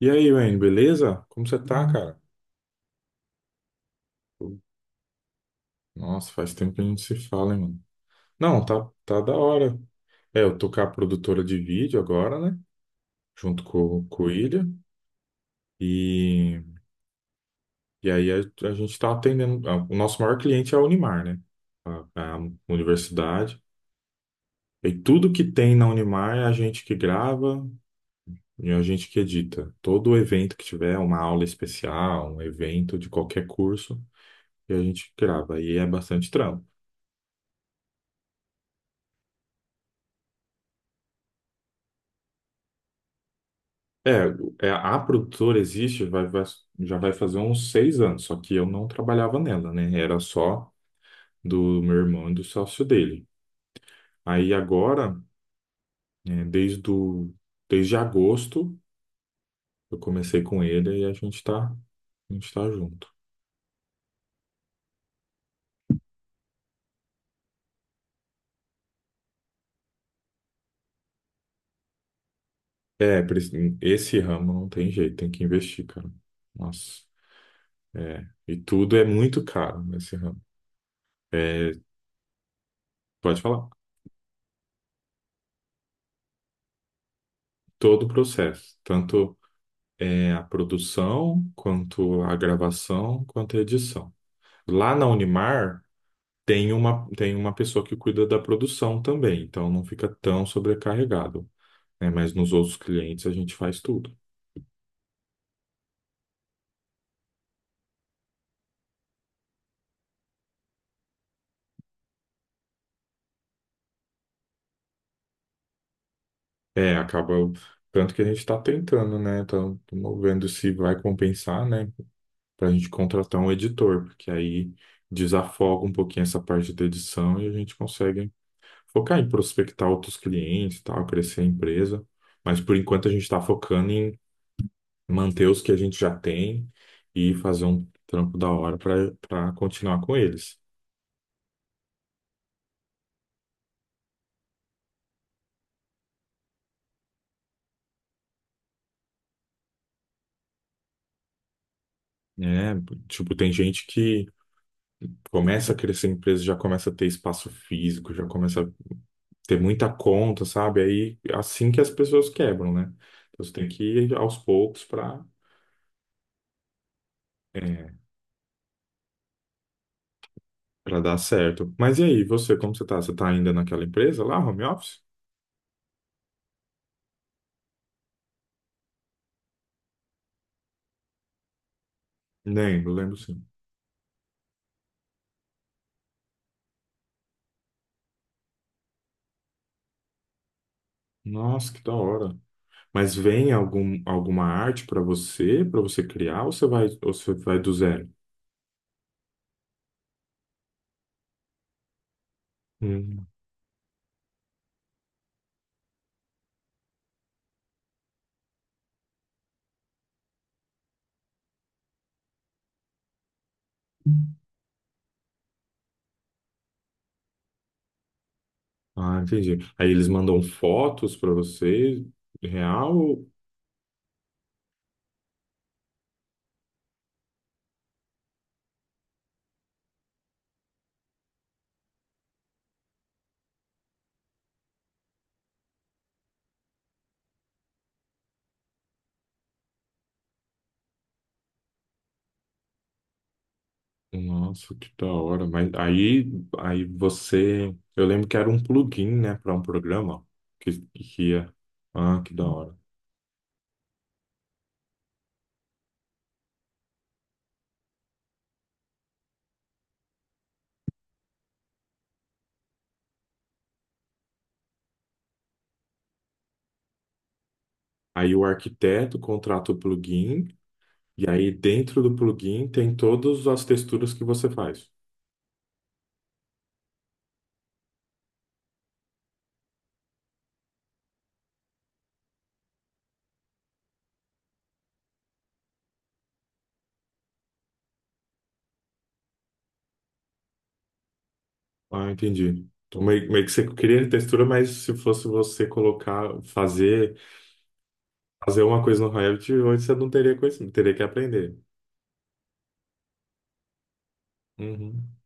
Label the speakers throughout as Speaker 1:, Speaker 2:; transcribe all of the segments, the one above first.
Speaker 1: E aí, Wayne, beleza? Como você tá, cara? Nossa, faz tempo que a gente se fala, hein, mano? Não, tá da hora. É, eu tô com a produtora de vídeo agora, né? Junto com o Ilha. E, e aí a gente tá atendendo. O nosso maior cliente é a Unimar, né? A universidade. E tudo que tem na Unimar é a gente que grava e a gente que edita. Todo evento que tiver, uma aula especial, um evento de qualquer curso, e a gente grava. E é bastante trampo. A produtora existe, já vai fazer uns 6 anos, só que eu não trabalhava nela, né? Era só do meu irmão e do sócio dele. Aí agora, é, desde, o, desde agosto, eu comecei com ele e a gente tá junto. É, esse ramo não tem jeito, tem que investir, cara. Nossa, é. E tudo é muito caro nesse ramo. É, pode falar, todo o processo, tanto. É, a produção, quanto a gravação, quanto a edição. Lá na Unimar tem uma pessoa que cuida da produção também, então não fica tão sobrecarregado, né? Mas nos outros clientes a gente faz tudo. É, acaba tanto que a gente está tentando, né? Estamos vendo se vai compensar, né? Para a gente contratar um editor, porque aí desafoga um pouquinho essa parte da edição e a gente consegue focar em prospectar outros clientes, e tal, crescer a empresa, mas por enquanto a gente está focando em manter os que a gente já tem e fazer um trampo da hora para continuar com eles. Né? Tipo, tem gente que começa a crescer a empresa, já começa a ter espaço físico, já começa a ter muita conta, sabe? Aí assim que as pessoas quebram, né? Então você tem que ir aos poucos para dar certo. Mas e aí, você, como você tá? Você tá ainda naquela empresa lá, home office? Lembro, lembro sim. Nossa, que da hora. Mas vem alguma arte para você criar, ou você vai do zero? Hum. Ah, entendi. Aí eles mandam fotos para você, real? Nossa, que da hora. Mas aí você. Eu lembro que era um plugin, né, para um programa que ia. Ah, que da hora. Aí o arquiteto contrata o plugin, e aí dentro do plugin tem todas as texturas que você faz. Ah, entendi. Então, meio que você queria textura, mas se fosse você colocar, fazer uma coisa no Revit, hoje você não teria conhecimento, teria que aprender. Uhum.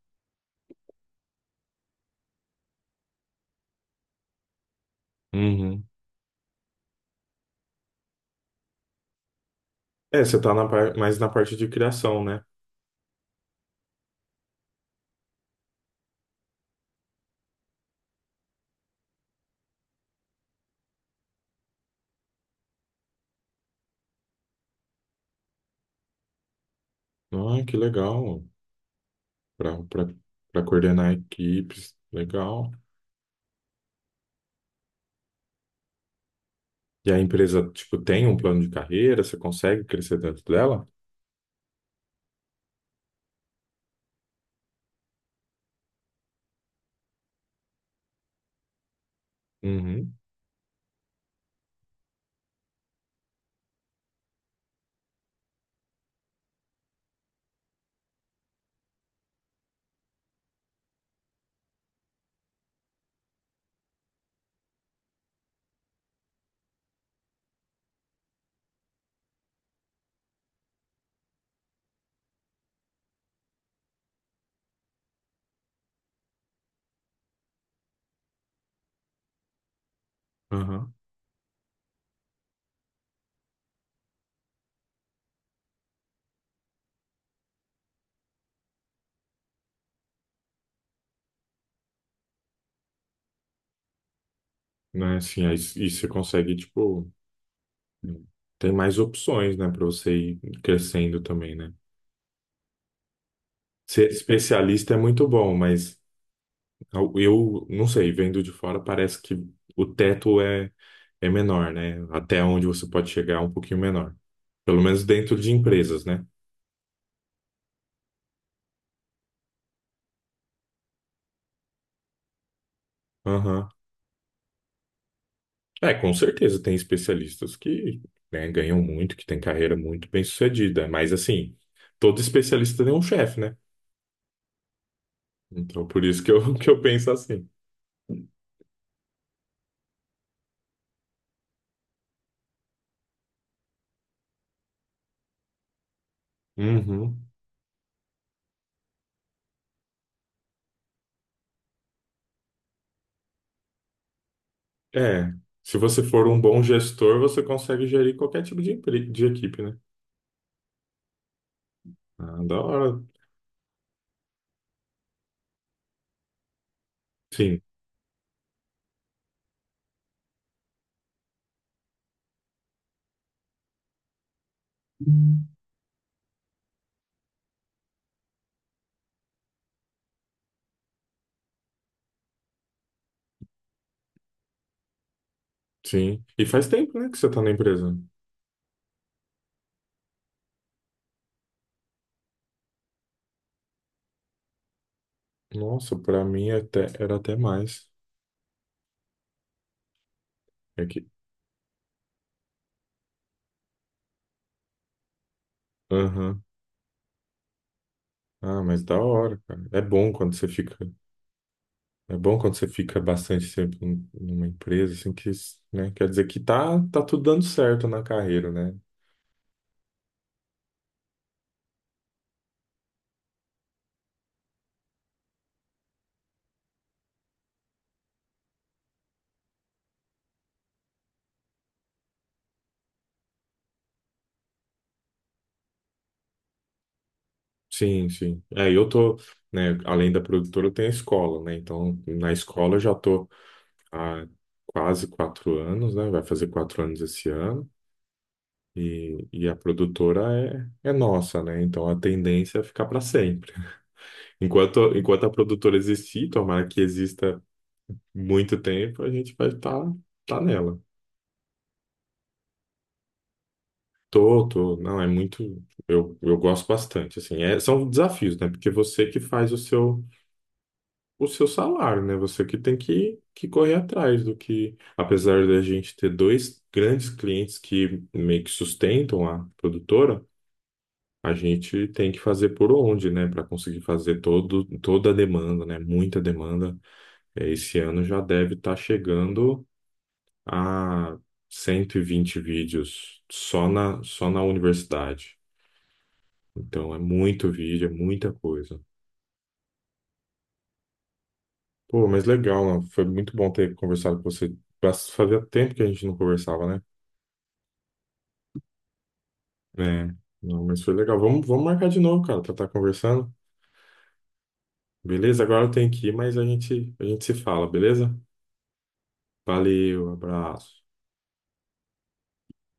Speaker 1: Uhum. É, você tá mais na parte de criação, né? Ah, que legal. Pra, pra, pra coordenar equipes, legal. E a empresa, tipo, tem um plano de carreira, você consegue crescer dentro dela? Uhum. Aham. Né, assim, aí, e você consegue, tipo, tem mais opções, né, pra você ir crescendo também, né? Ser especialista é muito bom, mas eu não sei, vendo de fora parece que o teto é menor, né? Até onde você pode chegar é um pouquinho menor. Pelo menos dentro de empresas, né? Aham. É, com certeza tem especialistas que, né, ganham muito, que têm carreira muito bem-sucedida, mas assim, todo especialista tem um chefe, né? Então por isso que eu, que eu penso assim. Uhum. É, se você for um bom gestor, você consegue gerir qualquer tipo de equipe, né? Ah, da hora. Sim. Sim. E faz tempo, né, que você tá na empresa. Nossa, pra mim até, era até mais. É que... Aham. Ah, mas da hora, cara. É bom quando você fica... É bom quando você fica bastante tempo numa empresa, assim, que, né, quer dizer que tá tudo dando certo na carreira, né? Sim, sim. É, eu tô, né, além da produtora, eu tenho a escola, né? Então, na escola eu já tô há quase 4 anos, né? Vai fazer 4 anos esse ano. E a produtora é nossa, né? Então a tendência é ficar para sempre. Enquanto a produtora existir, tomara que exista muito tempo, a gente vai tá nela. Tô, tô, não, é muito. Eu gosto bastante, assim. É, são desafios, né? Porque você que faz o seu salário, né? Você que tem que correr atrás do que. Apesar da gente ter dois grandes clientes que meio que sustentam a produtora. A gente tem que fazer por onde, né, para conseguir fazer todo, toda a demanda, né, muita demanda. É, esse ano já deve estar chegando a 120 vídeos só na universidade. Então é muito vídeo, é muita coisa. Pô, mas legal, né? Foi muito bom ter conversado com você. Fazia tempo que a gente não conversava, né? É, não, mas foi legal. Vamos marcar de novo, cara, pra estar conversando. Beleza? Agora eu tenho que ir, mas a gente se fala, beleza? Valeu, abraço.